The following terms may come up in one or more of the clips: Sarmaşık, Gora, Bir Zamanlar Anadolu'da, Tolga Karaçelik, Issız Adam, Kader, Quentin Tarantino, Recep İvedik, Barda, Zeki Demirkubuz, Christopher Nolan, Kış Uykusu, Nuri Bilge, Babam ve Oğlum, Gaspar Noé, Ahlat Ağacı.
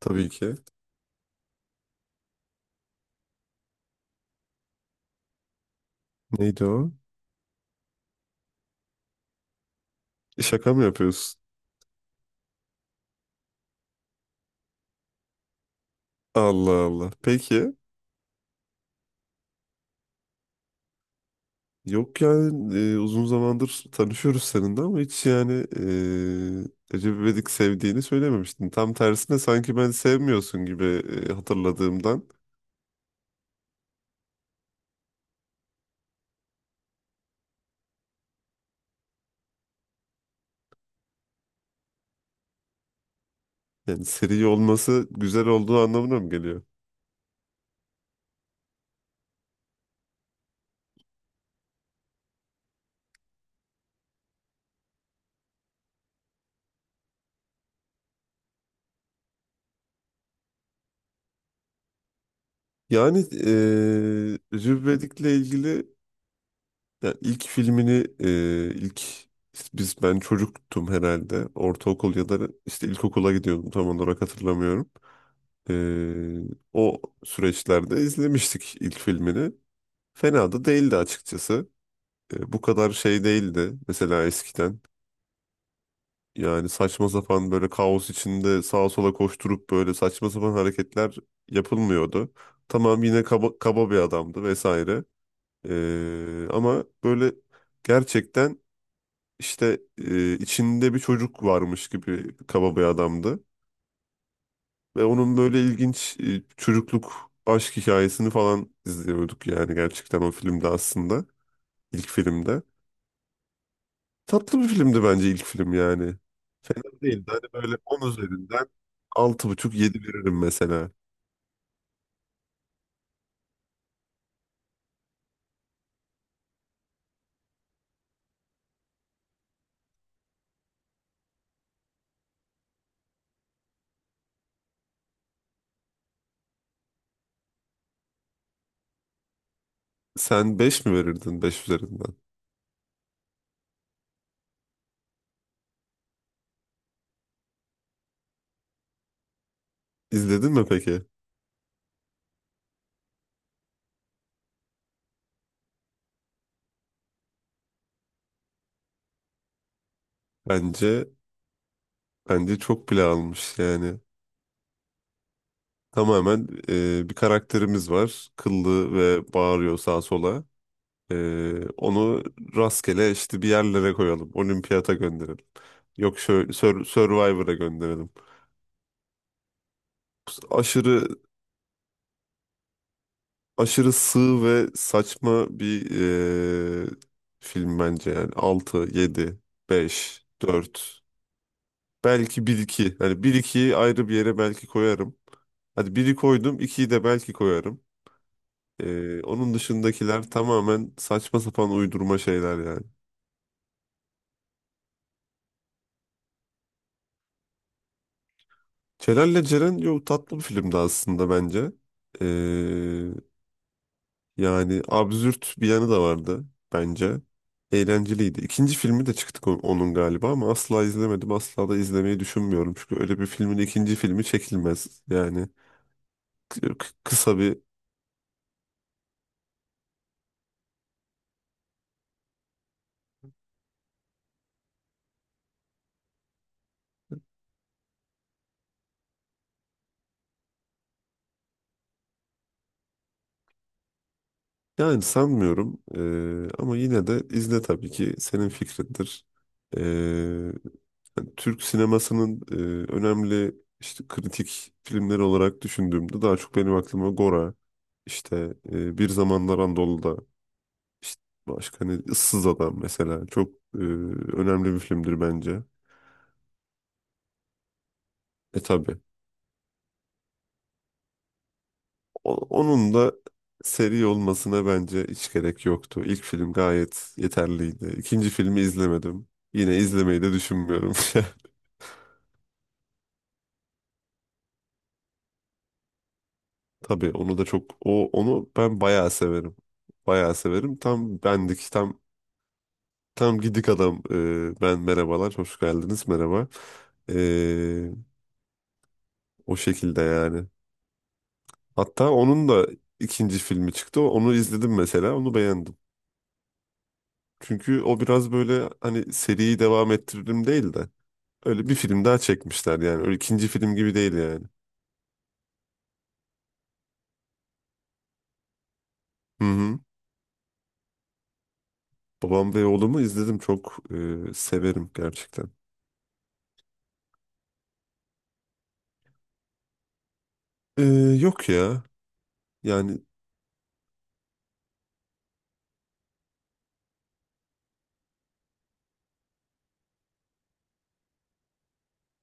Tabii ki. Neydi o? Şaka mı yapıyorsun? Allah Allah. Peki. Yok yani uzun zamandır tanışıyoruz seninle ama hiç yani Recep İvedik sevdiğini söylememiştin. Tam tersine sanki ben sevmiyorsun gibi hatırladığımdan. Yani seri olması güzel olduğu anlamına mı geliyor? Yani Recep İvedik'le ilgili yani ilk filmini ilk işte ben çocuktum herhalde. Ortaokul ya da işte ilkokula gidiyordum tam olarak hatırlamıyorum. Ee, O süreçlerde izlemiştik ilk filmini. Fena da değildi açıkçası. Bu kadar şey değildi mesela eskiden. Yani saçma sapan böyle kaos içinde sağa sola koşturup böyle saçma sapan hareketler yapılmıyordu. Tamam yine kaba, kaba bir adamdı vesaire. Ama böyle gerçekten işte içinde bir çocuk varmış gibi kaba bir adamdı. Ve onun böyle ilginç çocukluk aşk hikayesini falan izliyorduk yani gerçekten o filmde aslında. İlk filmde. Tatlı bir filmdi bence ilk film yani. Değildi hani böyle 10 üzerinden 6,5 yedi veririm mesela. Sen 5 mi verirdin 5 üzerinden? İzledin mi peki? Bence bence çok bile almış yani. Tamamen bir karakterimiz var. Kıllı ve bağırıyor sağa sola. Onu rastgele işte bir yerlere koyalım. Olimpiyata gönderelim. Yok şöyle Survivor'a gönderelim. Aşırı aşırı sığ ve saçma bir ee, film bence yani. Altı, 7, beş, dört. Belki bir iki. Hani bir 2'yi ayrı bir yere belki koyarım. Hadi biri koydum, 2'yi de belki koyarım. Onun dışındakiler tamamen saçma sapan uydurma şeyler yani. Celal'le Ceren yok tatlı bir filmdi aslında bence. Ee, Yani absürt bir yanı da vardı bence. Eğlenceliydi. İkinci filmi de çıktı onun galiba ama asla izlemedim. Asla da izlemeyi düşünmüyorum. Çünkü öyle bir filmin ikinci filmi çekilmez. Yani kısa bir yani sanmıyorum. Ama yine de izle tabii ki. Senin fikrindir. Ee, Yani Türk sinemasının önemli işte kritik filmleri olarak düşündüğümde daha çok benim aklıma Gora, işte Bir Zamanlar Anadolu'da, işte başka hani Issız Adam mesela çok önemli bir filmdir bence. E tabii. O- Onun da seri olmasına bence hiç gerek yoktu. İlk film gayet yeterliydi. İkinci filmi izlemedim. Yine izlemeyi de düşünmüyorum. Tabii onu da çok onu ben bayağı severim. Bayağı severim. Tam bendik Tam gidik adam. Ben merhabalar, hoş geldiniz, merhaba. Ee, O şekilde yani. Hatta onun da ikinci filmi çıktı. Onu izledim mesela, onu beğendim. Çünkü o biraz böyle hani seriyi devam ettiririm değil de öyle bir film daha çekmişler yani. Öyle ikinci film gibi değil yani. Hı hı. Babam ve oğlumu izledim. Çok severim gerçekten. Ee, Yok ya. Yani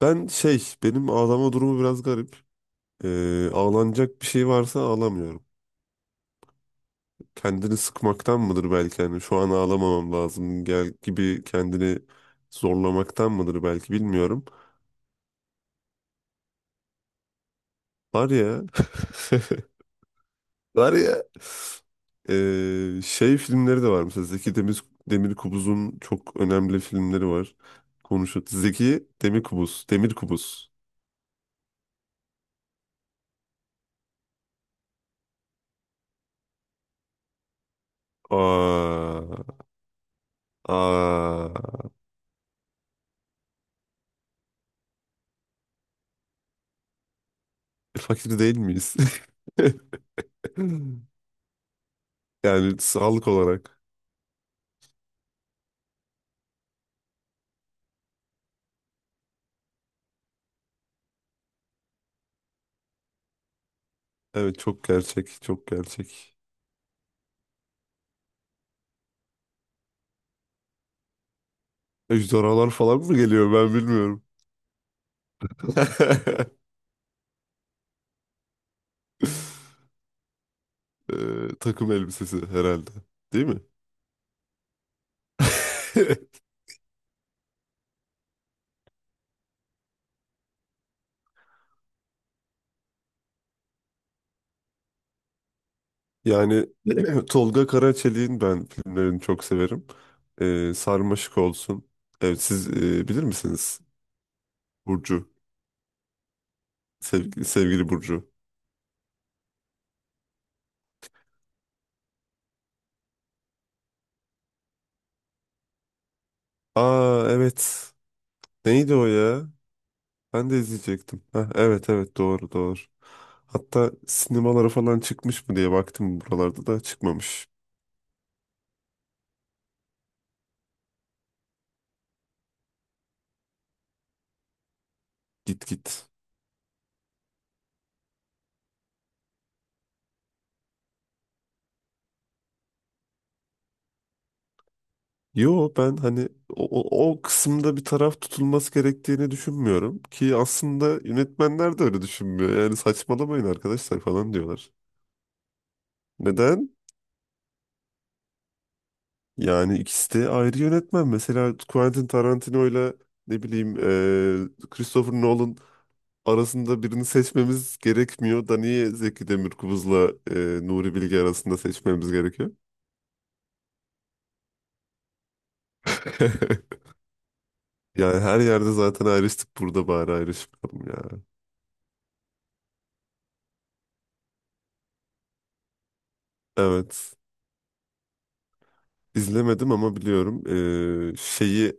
ben benim ağlama durumu biraz garip. Ağlanacak bir şey varsa ağlamıyorum. Kendini sıkmaktan mıdır belki hani şu an ağlamamam lazım gel gibi kendini zorlamaktan mıdır belki bilmiyorum. Var ya. Var ya. Şey filmleri de var mesela Demirkubuz'un çok önemli filmleri var. Konuşuyor. Zeki Demirkubuz. Demirkubuz. Aa, aa. Fakir değil miyiz? Yani sağlık olarak. Evet çok gerçek, çok gerçek. Ejderhalar falan mı geliyor ben bilmiyorum. Takım elbisesi herhalde. Değil mi? Yani Tolga Karaçelik'in ben filmlerini çok severim. Sarmaşık olsun. Evet siz bilir misiniz? Burcu. Sevgili, sevgili Burcu. Aa evet. Neydi o ya? Ben de izleyecektim. Heh, evet evet doğru doğru. Hatta sinemalara falan çıkmış mı diye baktım buralarda da çıkmamış. Git git. Yo ben hani o kısımda bir taraf tutulması gerektiğini düşünmüyorum ki aslında yönetmenler de öyle düşünmüyor. Yani saçmalamayın arkadaşlar falan diyorlar. Neden? Yani ikisi de ayrı yönetmen. Mesela Quentin Tarantino ile ne bileyim Christopher Nolan arasında birini seçmemiz gerekmiyor da niye Zeki Demirkubuz'la Nuri Bilge arasında seçmemiz gerekiyor? Yani her yerde zaten ayrıştık burada bari ayrışmayalım ya. Evet. İzlemedim ama biliyorum. Ee, şeyi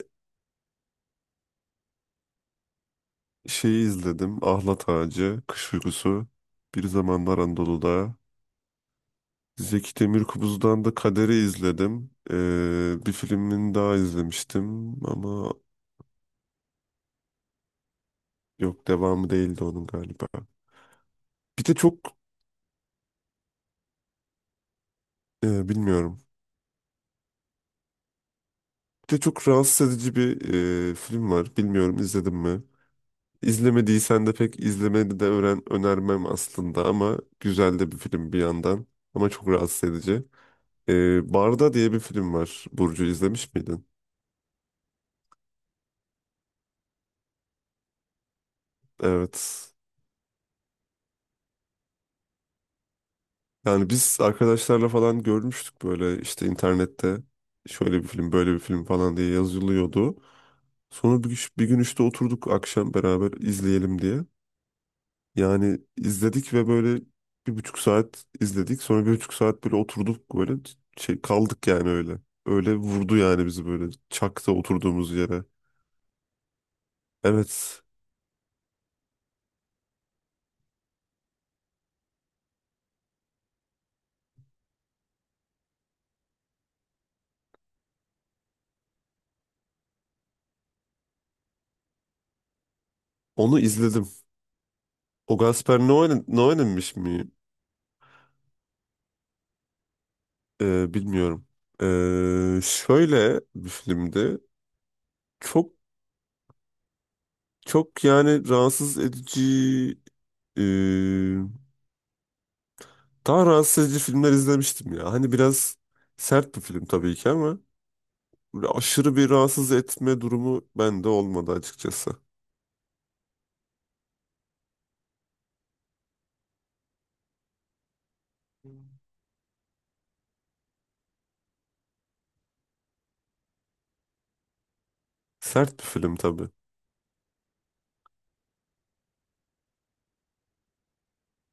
şeyi izledim. Ahlat Ağacı, Kış Uykusu, Bir Zamanlar Anadolu'da. Zeki Demirkubuz'dan da Kader'i izledim. Bir filmini daha izlemiştim ama yok devamı değildi onun galiba. Bir de çok bilmiyorum. Bir de çok rahatsız edici bir film var. Bilmiyorum izledin mi? İzlemediysen de pek izlemeni de öğren önermem aslında ama güzel de bir film bir yandan ama çok rahatsız edici. Barda diye bir film var. Burcu izlemiş miydin? Evet. Yani biz arkadaşlarla falan görmüştük böyle işte internette şöyle bir film böyle bir film falan diye yazılıyordu. Sonra bir gün işte oturduk akşam beraber izleyelim diye. Yani izledik ve böyle 1,5 saat izledik. Sonra 1,5 saat böyle oturduk böyle şey kaldık yani öyle. Öyle vurdu yani bizi böyle çakta oturduğumuz yere. Evet. Onu izledim. O Gaspar Noé, Noé'ninmiş mi? Bilmiyorum. Şöyle bir filmdi. Çok çok yani rahatsız edici e, daha rahatsız edici filmler izlemiştim ya. Hani biraz sert bir film tabii ki ama böyle aşırı bir rahatsız etme durumu bende olmadı açıkçası. Sert bir film tabii.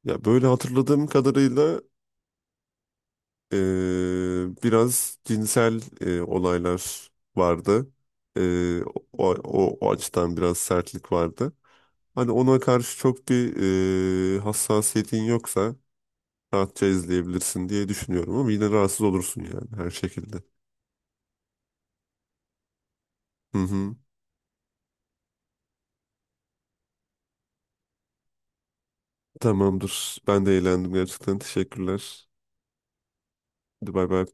Ya böyle hatırladığım kadarıyla e, biraz cinsel olaylar vardı. O açıdan biraz sertlik vardı. Hani ona karşı çok bir hassasiyetin yoksa rahatça izleyebilirsin diye düşünüyorum ama yine rahatsız olursun yani her şekilde. Hı hı. Tamamdır. Ben de eğlendim gerçekten. Teşekkürler. Hadi bay bay.